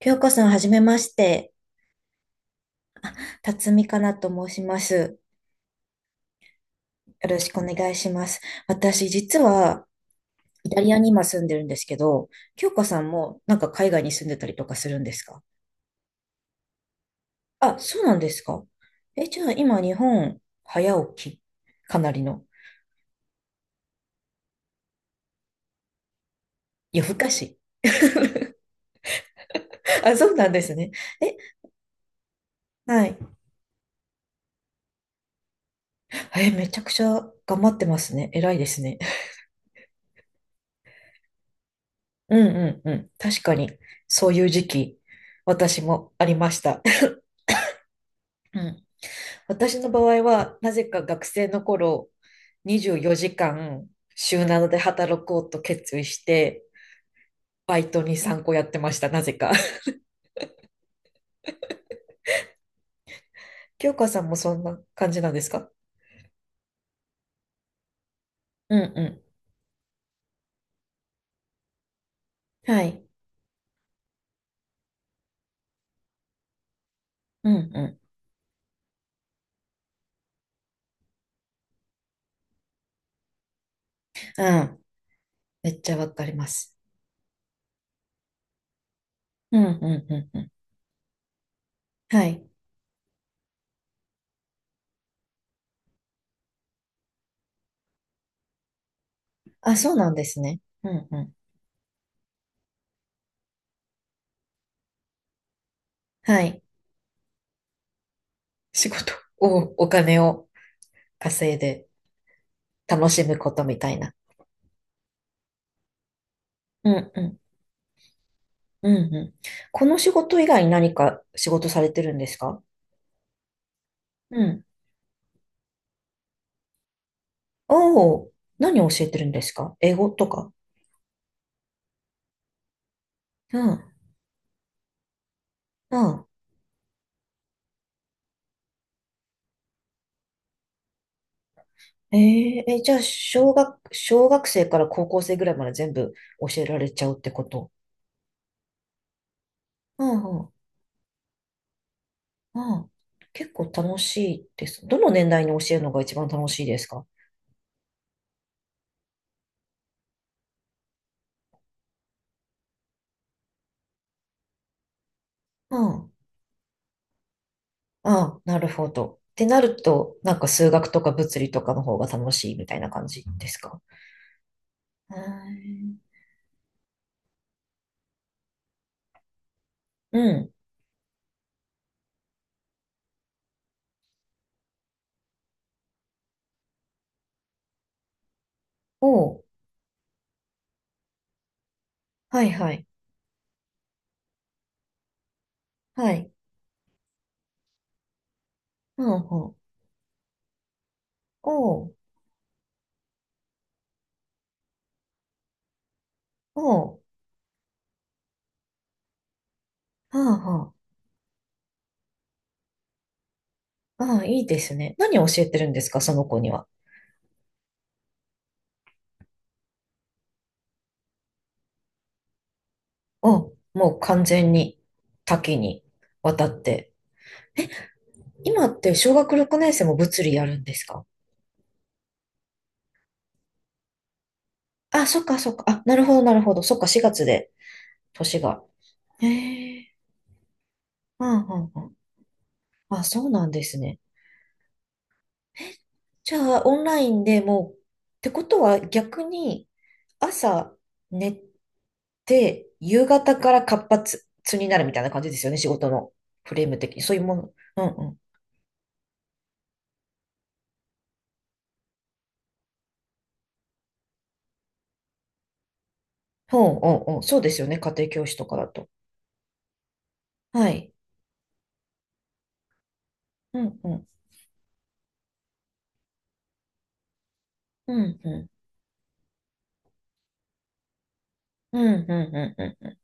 ひょうこさん、はじめまして。辰巳かなと申します。よろしくお願いします。私、実は、イタリアに今住んでるんですけど、ひょうこさんも、なんか海外に住んでたりとかするんですか？あ、そうなんですか。え、じゃあ、今、日本、早起き、かなりの、夜更かし。あ、そうなんですね。え、はい。え、めちゃくちゃ頑張ってますね。偉いですね。うんうんうん。確かに、そういう時期、私もありました。うん、私の場合は、なぜか学生の頃、24時間、週などで働こうと決意して、バイトに参考やってました、なぜか。京香さんもそんな感じなんですか？うんうん。はい。うんうん。うん。めっちゃわかります。うんうんうんうん。はい。あ、そうなんですね。うんうん。はい。仕事を、お金を稼いで楽しむことみたいな。うんうん。うんうん。この仕事以外に何か仕事されてるんですか？うん、おお、何を教えてるんですか？英語とか？うん、うん。えー、え、じゃあ、小学、小学生から高校生ぐらいまで全部教えられちゃうってこと？うんうん、うん。結構楽しいです。どの年代に教えるのが一番楽しいですか？うん、ああ、なるほど。ってなると、なんか数学とか物理とかの方が楽しいみたいな感じですか？へー、うん。おう。はいはい。はい。うんうん。おう。おう。はあは、ああ、いいですね。何を教えてるんですか、その子には。あ、もう完全に多岐にわたって。今って小学6年生も物理やるんですか？あ、そっかそっか。あ、なるほどなるほど。そっか、4月で、年が。へえ。うんうんうん。あ、そうなんですね。じゃあ、オンラインでもう、ってことは逆に、朝寝て、夕方から活発になるみたいな感じですよね、仕事のフレーム的に。そういうもの。うん、ほう、う、おう、そうですよね。家庭教師とかだと。はい。うん、うん、うん、うん、うん、うん、うん。うん、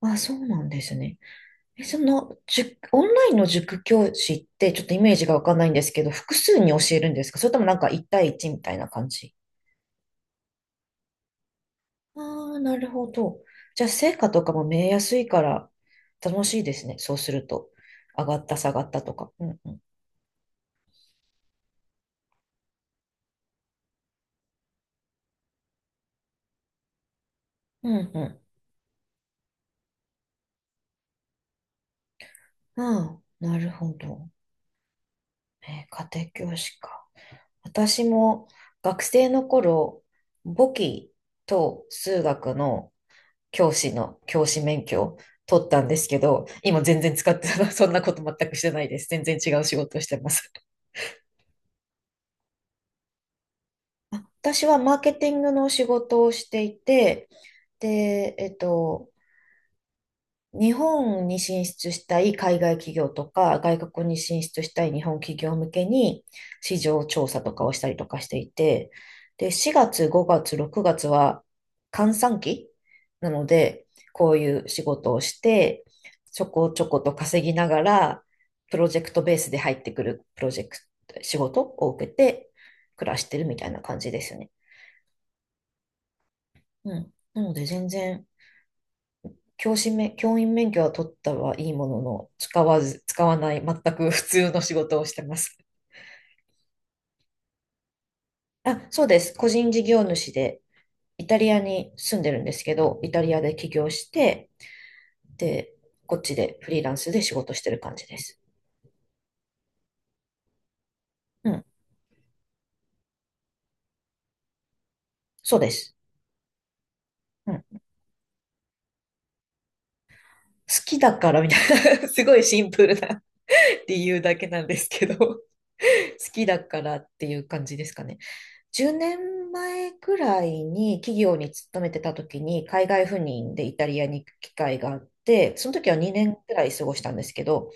あ、そうなんですね。え、その、塾、オンラインの塾教師って、ちょっとイメージがわかんないんですけど、複数に教えるんですか？それともなんか一対一みたいな感じ？あ、あ、なるほど。じゃあ、成果とかも見えやすいから、楽しいですね。そうすると。上がった、下がったとか。うん、うん、うん、うん。ああ、なるほど。えー、家庭教師か。私も学生の頃、簿記と数学の教師の教師免許を取ったんですけど、今全然使って そんなこと全くしてないです。全然違う仕事をしてます。私はマーケティングの仕事をしていて、で、えっと、日本に進出したい海外企業とか、外国に進出したい日本企業向けに市場調査とかをしたりとかしていて、で、4月、5月、6月は閑散期なので、こういう仕事をして、ちょこちょこと稼ぎながら、プロジェクトベースで入ってくるプロジェクト、仕事を受けて暮らしてるみたいな感じですね。うん。なので全然教師免、教員免許は取ったはいいものの、使わず、使わない、全く 普通の仕事をしてます。あ、そうです。個人事業主で、イタリアに住んでるんですけど、イタリアで起業して、で、こっちでフリーランスで仕事してる感じです。うん、そうです。うん、好きだからみたいな すごいシンプルな 理由だけなんですけど、 好きだからっていう感じですかね。10年前くらいに企業に勤めてた時に海外赴任でイタリアに行く機会があって、その時は2年くらい過ごしたんですけど、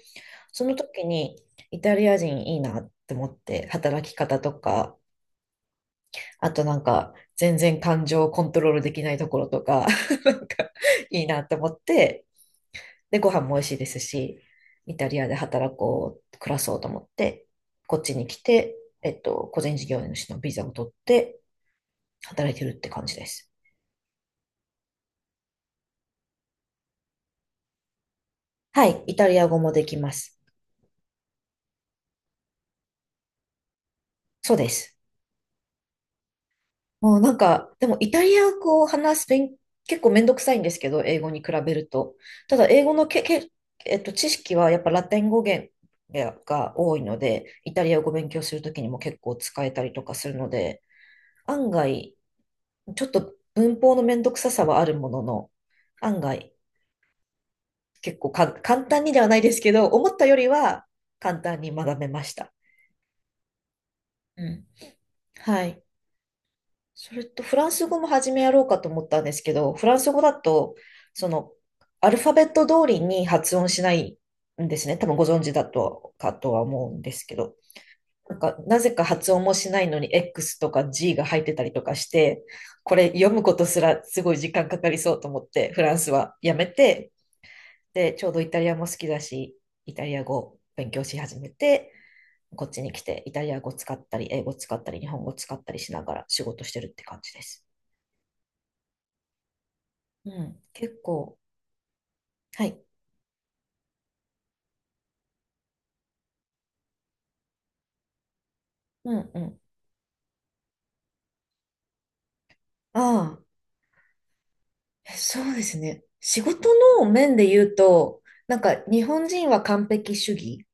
その時にイタリア人いいなって思って働き方とか、あとなんか全然感情をコントロールできないところとか、なんかいいなって思って、で、ご飯も美味しいですし、イタリアで働こう、暮らそうと思って、こっちに来て、えっと、個人事業主のビザを取って働いてるって感じです。はい、イタリア語もできます。そうです。もうなんか、でもイタリア語を話す勉、結構めんどくさいんですけど、英語に比べると。ただ、英語のけ、け、えっと、知識はやっぱラテン語源が多いので、イタリア語勉強するときにも結構使えたりとかするので、案外、ちょっと文法のめんどくささはあるものの、案外、結構か簡単にではないですけど、思ったよりは簡単に学べました。うん。はい。それとフランス語も始めやろうかと思ったんですけど、フランス語だと、その、アルファベット通りに発音しないんですね。多分ご存知だとかとは思うんですけど。なんか、なぜか発音もしないのに X とか G が入ってたりとかして、これ読むことすらすごい時間かかりそうと思って、フランスはやめて、で、ちょうどイタリアも好きだし、イタリア語勉強し始めて、こっちに来てイタリア語使ったり、英語使ったり、日本語使ったりしながら仕事してるって感じです。うん。結構。はい。うんうん。ああ、え、そうですね。仕事の面で言うと、なんか日本人は完璧主義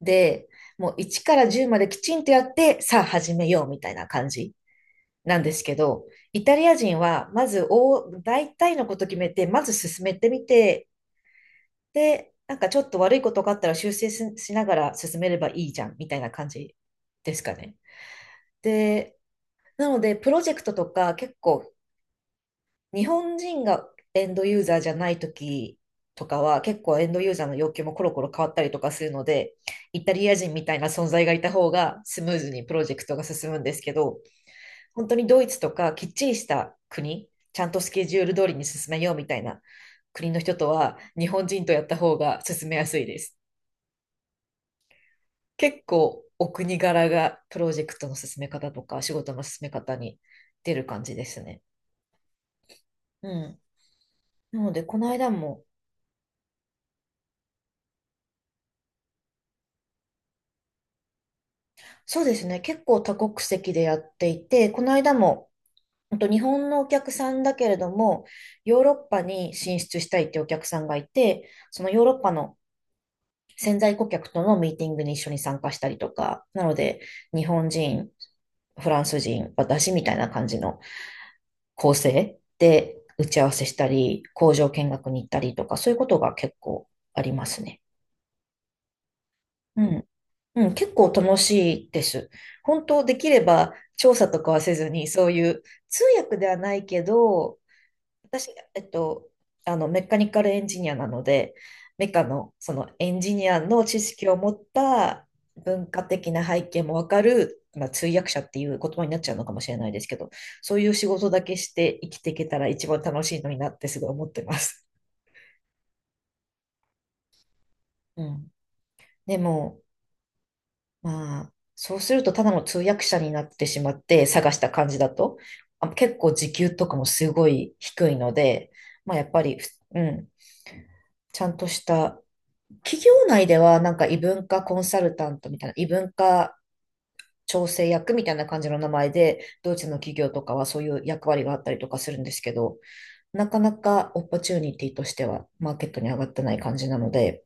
で、もう1から10まできちんとやって、さあ始めようみたいな感じなんですけど、イタリア人はまず大、大体のこと決めて、まず進めてみて、で、なんかちょっと悪いことがあったら修正ししながら進めればいいじゃんみたいな感じですかね。で、なので、プロジェクトとか結構日本人がエンドユーザーじゃない時とかは結構エンドユーザーの要求もコロコロ変わったりとかするので、イタリア人みたいな存在がいた方がスムーズにプロジェクトが進むんですけど、本当にドイツとかきっちりした国、ちゃんとスケジュール通りに進めようみたいな国の人とは日本人とやった方が進めやすいです。結構お国柄がプロジェクトの進め方とか仕事の進め方に出る感じですね。うん。なので、この間もそうですね。結構多国籍でやっていて、この間も、本当日本のお客さんだけれども、ヨーロッパに進出したいってお客さんがいて、そのヨーロッパの潜在顧客とのミーティングに一緒に参加したりとか、なので、日本人、フランス人、私みたいな感じの構成で打ち合わせしたり、工場見学に行ったりとか、そういうことが結構ありますね。うん。うん、結構楽しいです。本当できれば調査とかはせずに、そういう通訳ではないけど、私、あのメカニカルエンジニアなので、メカのそのエンジニアの知識を持った文化的な背景もわかる、まあ、通訳者っていう言葉になっちゃうのかもしれないですけど、そういう仕事だけして生きていけたら一番楽しいのになってすごい思ってます。うん、でもまあ、そうするとただの通訳者になってしまって探した感じだと、あ、結構時給とかもすごい低いので、まあやっぱり、ふうん、ちゃんとした企業内ではなんか異文化コンサルタントみたいな、異文化調整役みたいな感じの名前で、ドイツの企業とかはそういう役割があったりとかするんですけど、なかなかオポチュニティとしてはマーケットに上がってない感じなので、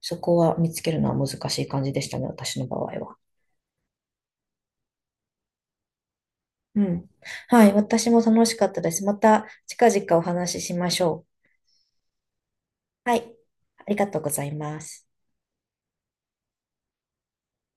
そこは見つけるのは難しい感じでしたね、私の場合は。うん。はい。私も楽しかったです。また近々お話ししましょう。はい。ありがとうございます。